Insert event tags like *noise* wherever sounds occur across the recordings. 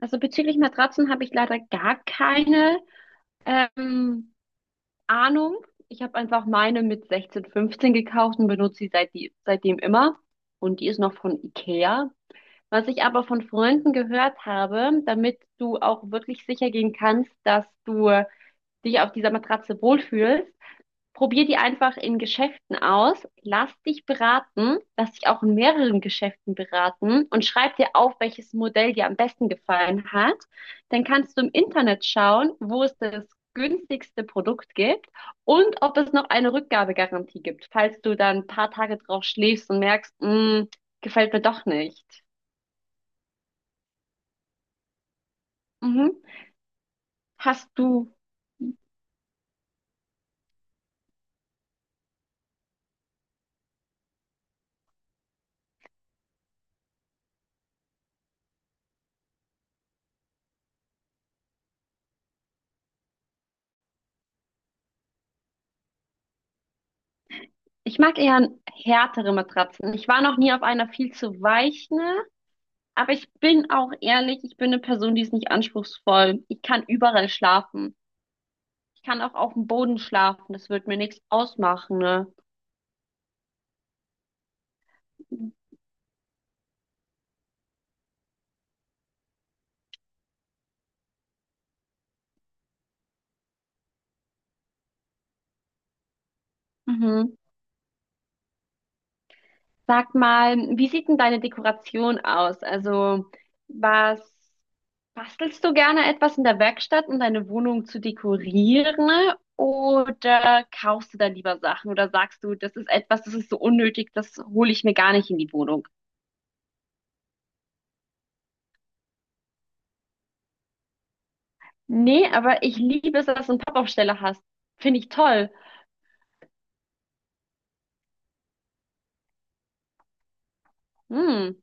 Also bezüglich Matratzen habe ich leider gar keine ähm, Ahnung. Ich habe einfach meine mit 16, 15 gekauft und benutze sie seitdem immer. Und die ist noch von Ikea. Was ich aber von Freunden gehört habe: Damit du auch wirklich sicher gehen kannst, dass du dich auf dieser Matratze wohlfühlst, probier die einfach in Geschäften aus, lass dich beraten, lass dich auch in mehreren Geschäften beraten und schreib dir auf, welches Modell dir am besten gefallen hat. Dann kannst du im Internet schauen, wo es das günstigste Produkt gibt und ob es noch eine Rückgabegarantie gibt, falls du dann ein paar Tage drauf schläfst und merkst: "Mm, gefällt mir doch nicht." Mhm. Hast du, ich mag eher härtere Matratzen. Ich war noch nie auf einer viel zu weichen. Aber ich bin auch ehrlich, ich bin eine Person, die ist nicht anspruchsvoll. Ich kann überall schlafen. Ich kann auch auf dem Boden schlafen. Das wird mir nichts ausmachen, ne? Mhm. Sag mal, wie sieht denn deine Dekoration aus? Also, was, bastelst du gerne etwas in der Werkstatt, um deine Wohnung zu dekorieren? Oder kaufst du da lieber Sachen? Oder sagst du, das ist etwas, das ist so unnötig, das hole ich mir gar nicht in die Wohnung? Nee, aber ich liebe es, dass du einen Pappaufsteller hast. Finde ich toll. Hm.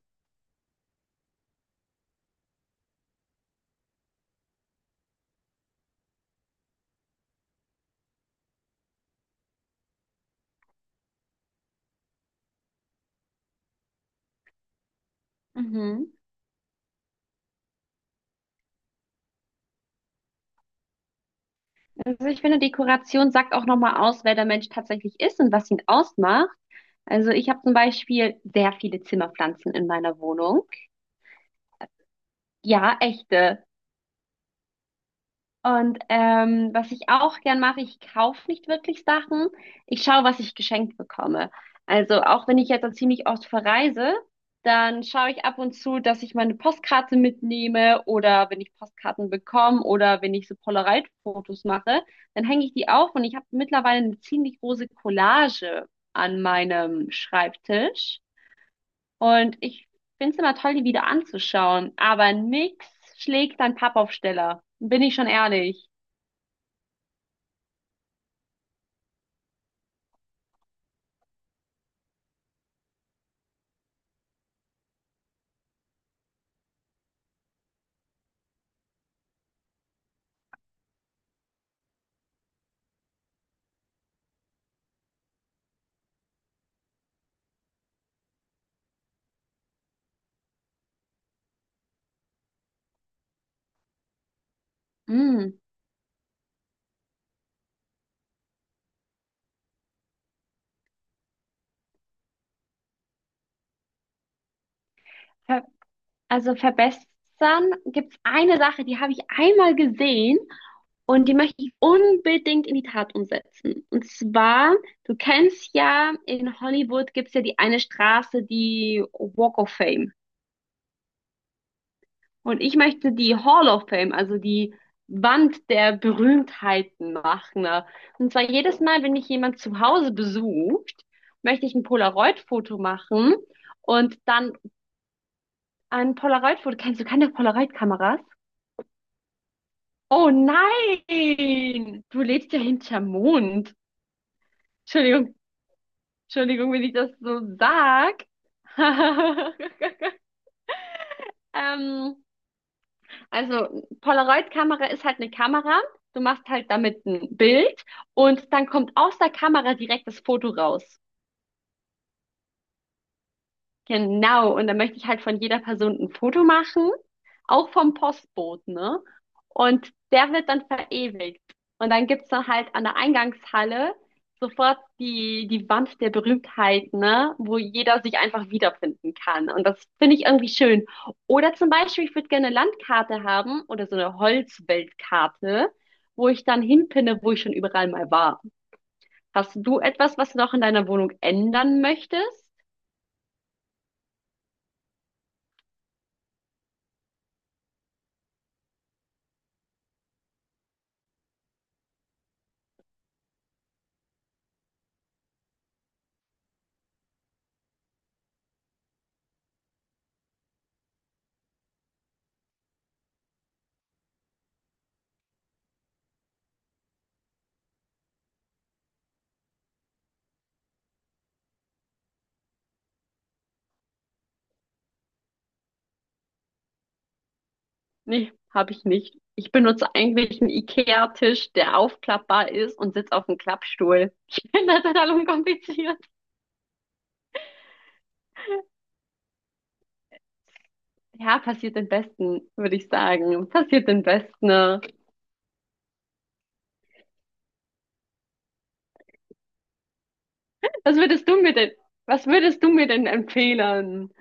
Mhm. Also ich finde, Dekoration sagt auch nochmal aus, wer der Mensch tatsächlich ist und was ihn ausmacht. Also ich habe zum Beispiel sehr viele Zimmerpflanzen in meiner Wohnung. Ja, echte. Und was ich auch gern mache, ich kaufe nicht wirklich Sachen. Ich schaue, was ich geschenkt bekomme. Also auch wenn ich jetzt dann ziemlich oft verreise, dann schaue ich ab und zu, dass ich meine Postkarte mitnehme oder wenn ich Postkarten bekomme oder wenn ich so Polaroid-Fotos mache, dann hänge ich die auf und ich habe mittlerweile eine ziemlich große Collage an meinem Schreibtisch. Und ich finde es immer toll, die wieder anzuschauen. Aber nix schlägt ein Pappaufsteller. Bin ich schon ehrlich. Mm. ver Also verbessern, gibt's eine Sache, die habe ich einmal gesehen und die möchte ich unbedingt in die Tat umsetzen. Und zwar, du kennst ja, in Hollywood gibt's ja die eine Straße, die Walk of Fame. Und ich möchte die Hall of Fame, also die Wand der Berühmtheiten machen, ne? Und zwar jedes Mal, wenn mich jemand zu Hause besucht, möchte ich ein Polaroid-Foto machen und dann ein Polaroid-Foto. Kennst du keine Polaroid-Kameras? Oh nein! Du lebst ja hinterm Mond. Entschuldigung, Entschuldigung, wenn ich das so sag. *laughs* Ähm, also Polaroid-Kamera ist halt eine Kamera. Du machst halt damit ein Bild und dann kommt aus der Kamera direkt das Foto raus. Genau, und dann möchte ich halt von jeder Person ein Foto machen, auch vom Postboten, ne? Und der wird dann verewigt. Und dann gibt's dann halt an der Eingangshalle sofort die Wand der Berühmtheit, ne? Wo jeder sich einfach wiederfinden kann. Und das finde ich irgendwie schön. Oder zum Beispiel, ich würde gerne eine Landkarte haben oder so eine Holzweltkarte, wo ich dann hinpinne, wo ich schon überall mal war. Hast du etwas, was du noch in deiner Wohnung ändern möchtest? Nee, habe ich nicht. Ich benutze eigentlich einen IKEA-Tisch, der aufklappbar ist und sitze auf einem Klappstuhl. *laughs* Ich finde das total unkompliziert. Ja, passiert den Besten, würde ich sagen. Passiert den Besten. Was würdest du mir denn, was würdest du mir denn empfehlen?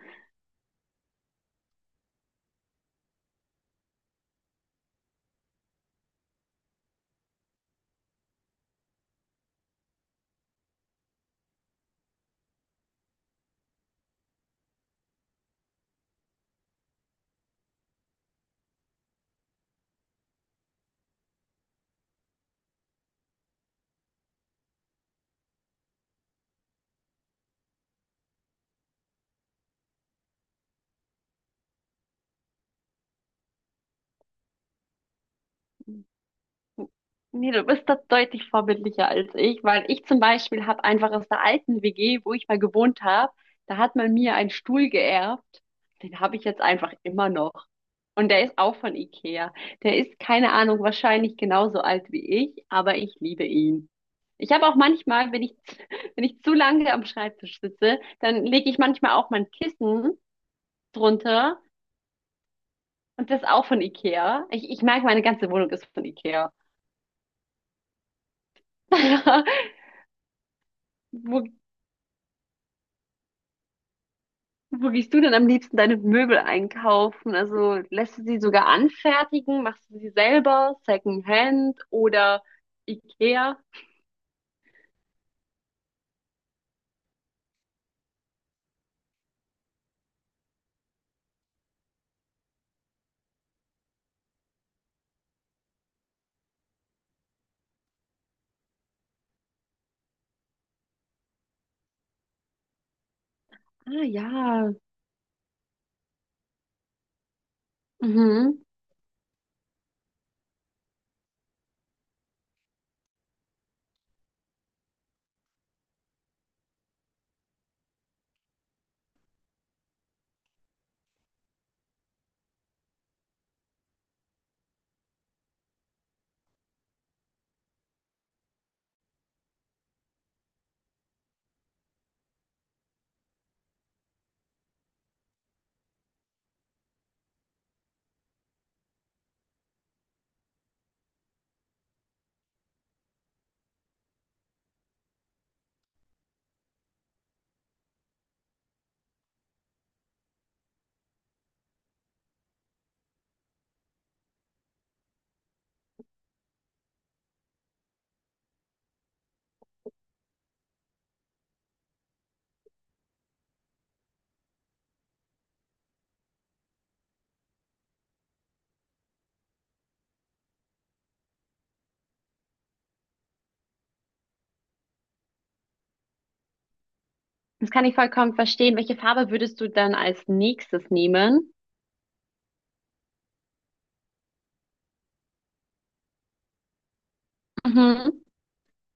Nee, du bist da deutlich vorbildlicher als ich, weil ich zum Beispiel habe einfach aus der alten WG, wo ich mal gewohnt habe, da hat man mir einen Stuhl geerbt. Den habe ich jetzt einfach immer noch. Und der ist auch von Ikea. Der ist, keine Ahnung, wahrscheinlich genauso alt wie ich, aber ich liebe ihn. Ich habe auch manchmal, wenn ich, *laughs* wenn ich zu lange am Schreibtisch sitze, dann lege ich manchmal auch mein Kissen drunter, und das ist auch von Ikea. Ich merke, meine ganze Wohnung ist von Ikea. *laughs* Wo Wo gehst du denn am liebsten deine Möbel einkaufen? Also lässt du sie sogar anfertigen? Machst du sie selber? Secondhand oder IKEA? Ah ja, mhm. Das kann ich vollkommen verstehen. Welche Farbe würdest du dann als nächstes nehmen? Mhm.